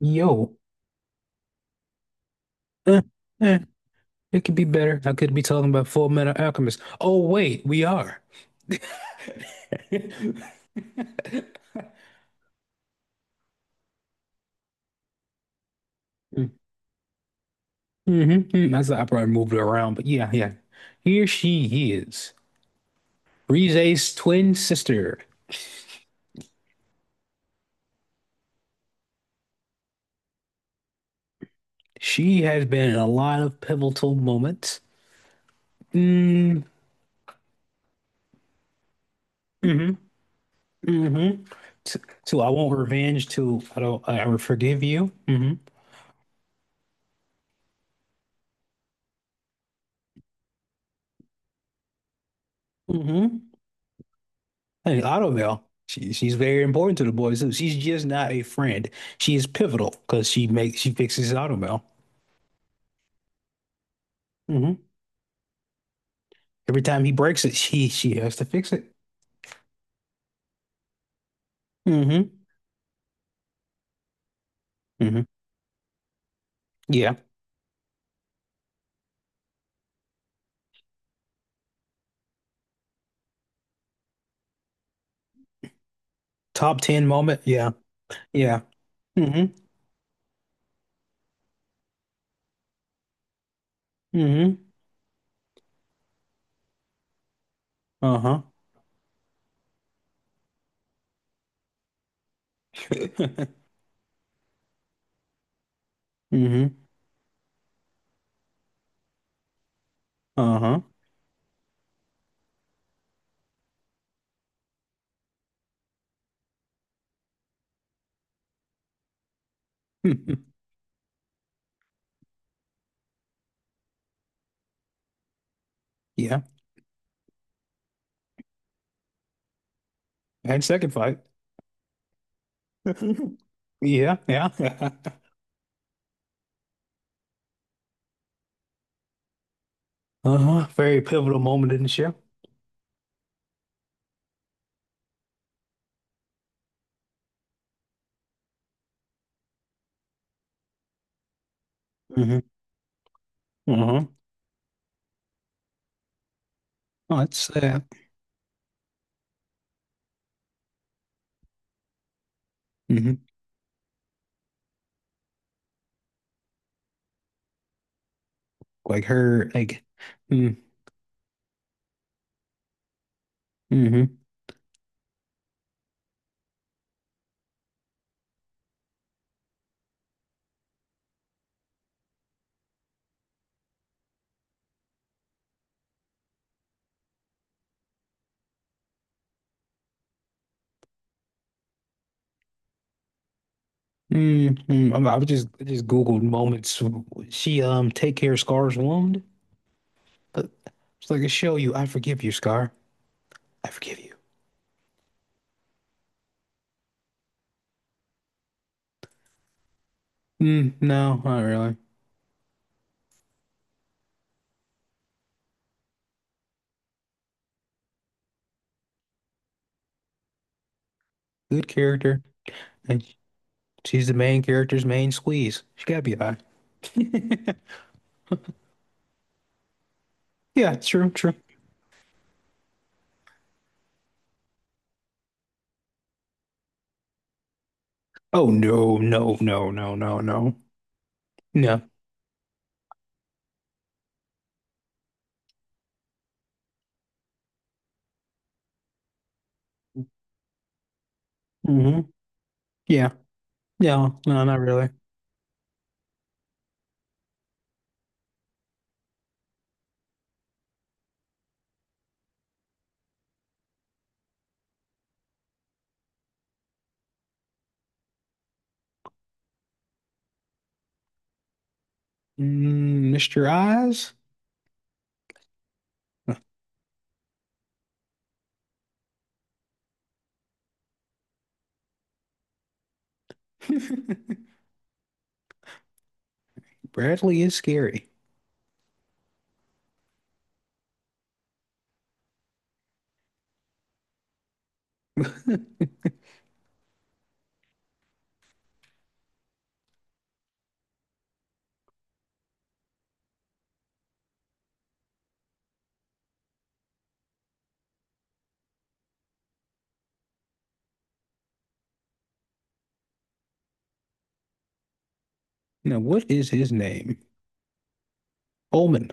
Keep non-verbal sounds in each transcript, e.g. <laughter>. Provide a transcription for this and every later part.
Yo, eh, eh, it could be better. I could be talking about Full Metal Alchemist. Oh, wait, we are. Mm-hmm, mm-hmm. That's I probably moved it around, but yeah, yeah. Here she is, Rize's twin sister. She has been in a lot of pivotal moments. Mm, hmm hmm To, to I want revenge. To I don't. I will forgive you. Mm-hmm, mm-hmm. Hey, Autumn, she's very important to the boys too. She's just not a friend. She is pivotal because she fixes his automail. hmm Every time he breaks it, she has to fix it. hmm hmm Yeah. Top 10 moment. Yeah. Yeah. hmm hmm Uh-huh. <laughs> hmm Uh-huh. <laughs> Yeah. And second fight. <laughs> Yeah. Yeah. <laughs> Uh-huh. Very pivotal moment in the show. hmm Uh-huh. Oh, it's hmm Like her, like. Mm-hmm. hmm I just Googled moments. She take care Scar's wound. But it's like a show you. I forgive you, Scar. I forgive you. Mm, no, not really. Good character, and she's the main character's main squeeze. She gotta be high. <laughs> Yeah, true, true. Oh no, no, no, no, no, no. No. hmm Yeah. No, no, not really. Mm, Mr. Eyes? <laughs> Bradley is scary. Now, what is his name? Omen.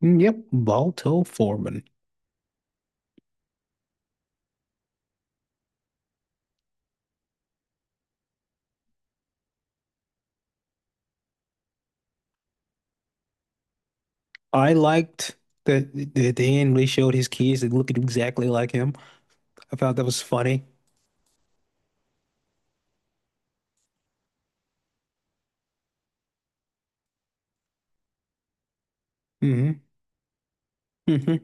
Yep, Balto Foreman. I liked that Dan really showed his kids that looked exactly like him. I thought that was funny. hmm hmm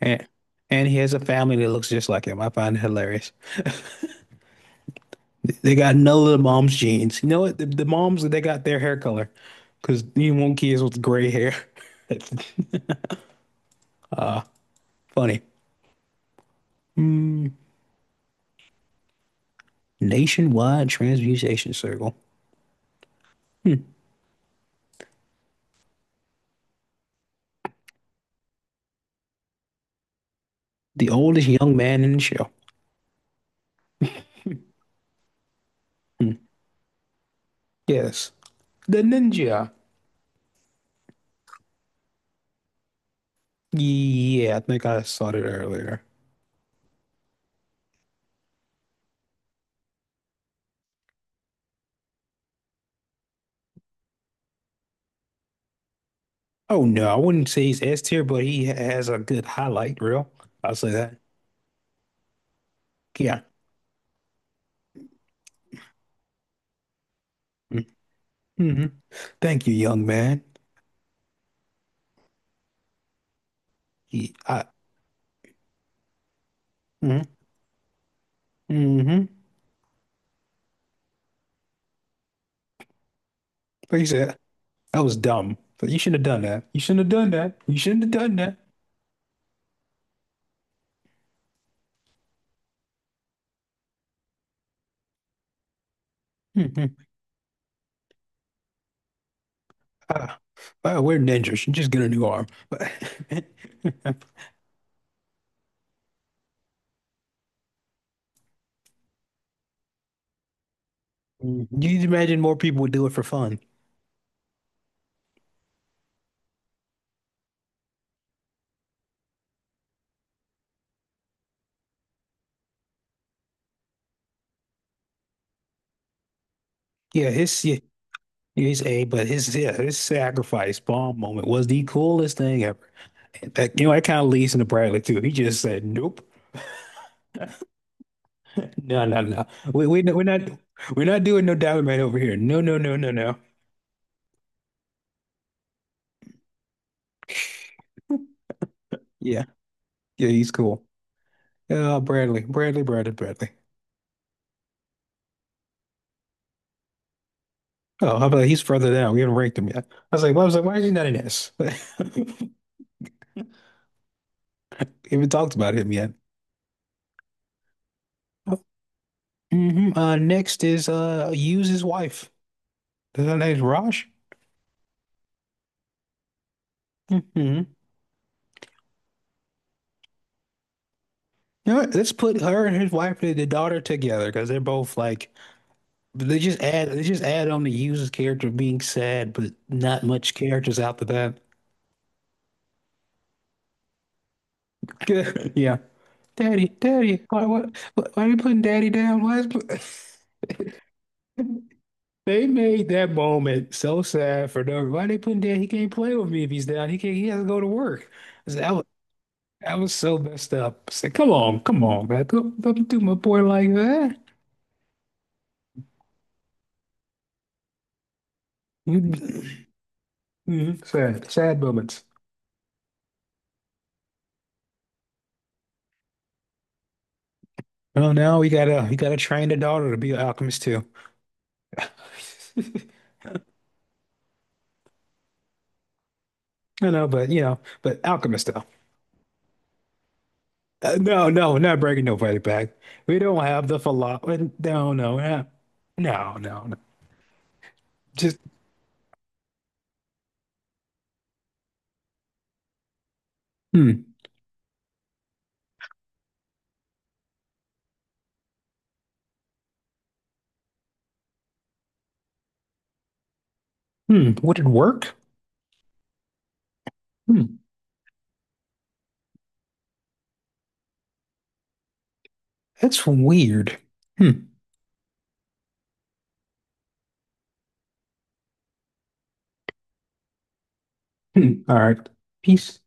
And he has a family that looks just like him. I find it hilarious. <laughs> They got none of the mom's genes. You know what? The moms they got their hair color because you want kids with gray hair. <laughs> Uh, Funny. Mm. Nationwide Transmutation Circle. Hmm. The oldest young man in the show. Hmm. Yes, the ninja. Yeah, I think I saw that earlier. Oh no, I wouldn't say he's S tier, but he has a good highlight reel. I'll say that. Yeah. mm hmm Thank you, young man. He, I, mm-hmm, mm-hmm. Like you said, that was dumb. But you shouldn't have done that. You shouldn't have done that. You shouldn't have done that. hmm Ah, well, we're ninjas. You just get a new arm. <laughs> But you imagine more people would do it for fun. Yeah, his yeah, He's a his sacrifice bomb moment was the coolest thing ever. And that, you know, that kind of leads into Bradley too. He just said, "Nope, no, no, no. We we're not doing no Diamond Man over here. No, no, no, no, no." Yeah, yeah, he's cool. Bradley, Bradley, Bradley, Bradley. Oh, how about he's further down? We haven't ranked him yet. I was like, well, I was like, why is he not in this? <laughs> We haven't talked about him yet. Next is use his wife. Is that name Raj? Hmm. You know what? Let's put her and his wife and the daughter together because they're both like they just add on the user's character being sad, but not much characters after that. <laughs> Yeah, Daddy, Daddy, why what why are you putting Daddy down? Why is <laughs> they made that moment so sad for no why they putting Daddy? He can't play with me if he's down. He can't. He has to go to work. I said, I was, I was so messed up. I said, come on, come on, man, don't do my boy like that. <laughs> Mhm. Sad, sad moments. Oh no, we gotta train the daughter to be an alchemist too. <laughs> I know, but you know, but alchemist though. No, no, we're not breaking nobody back. We don't have the philosophy. No, no, we no, no, no. Just hmm, hmm. Would it work? Hmm. That's weird. Hmm. Hmm. All right. Peace.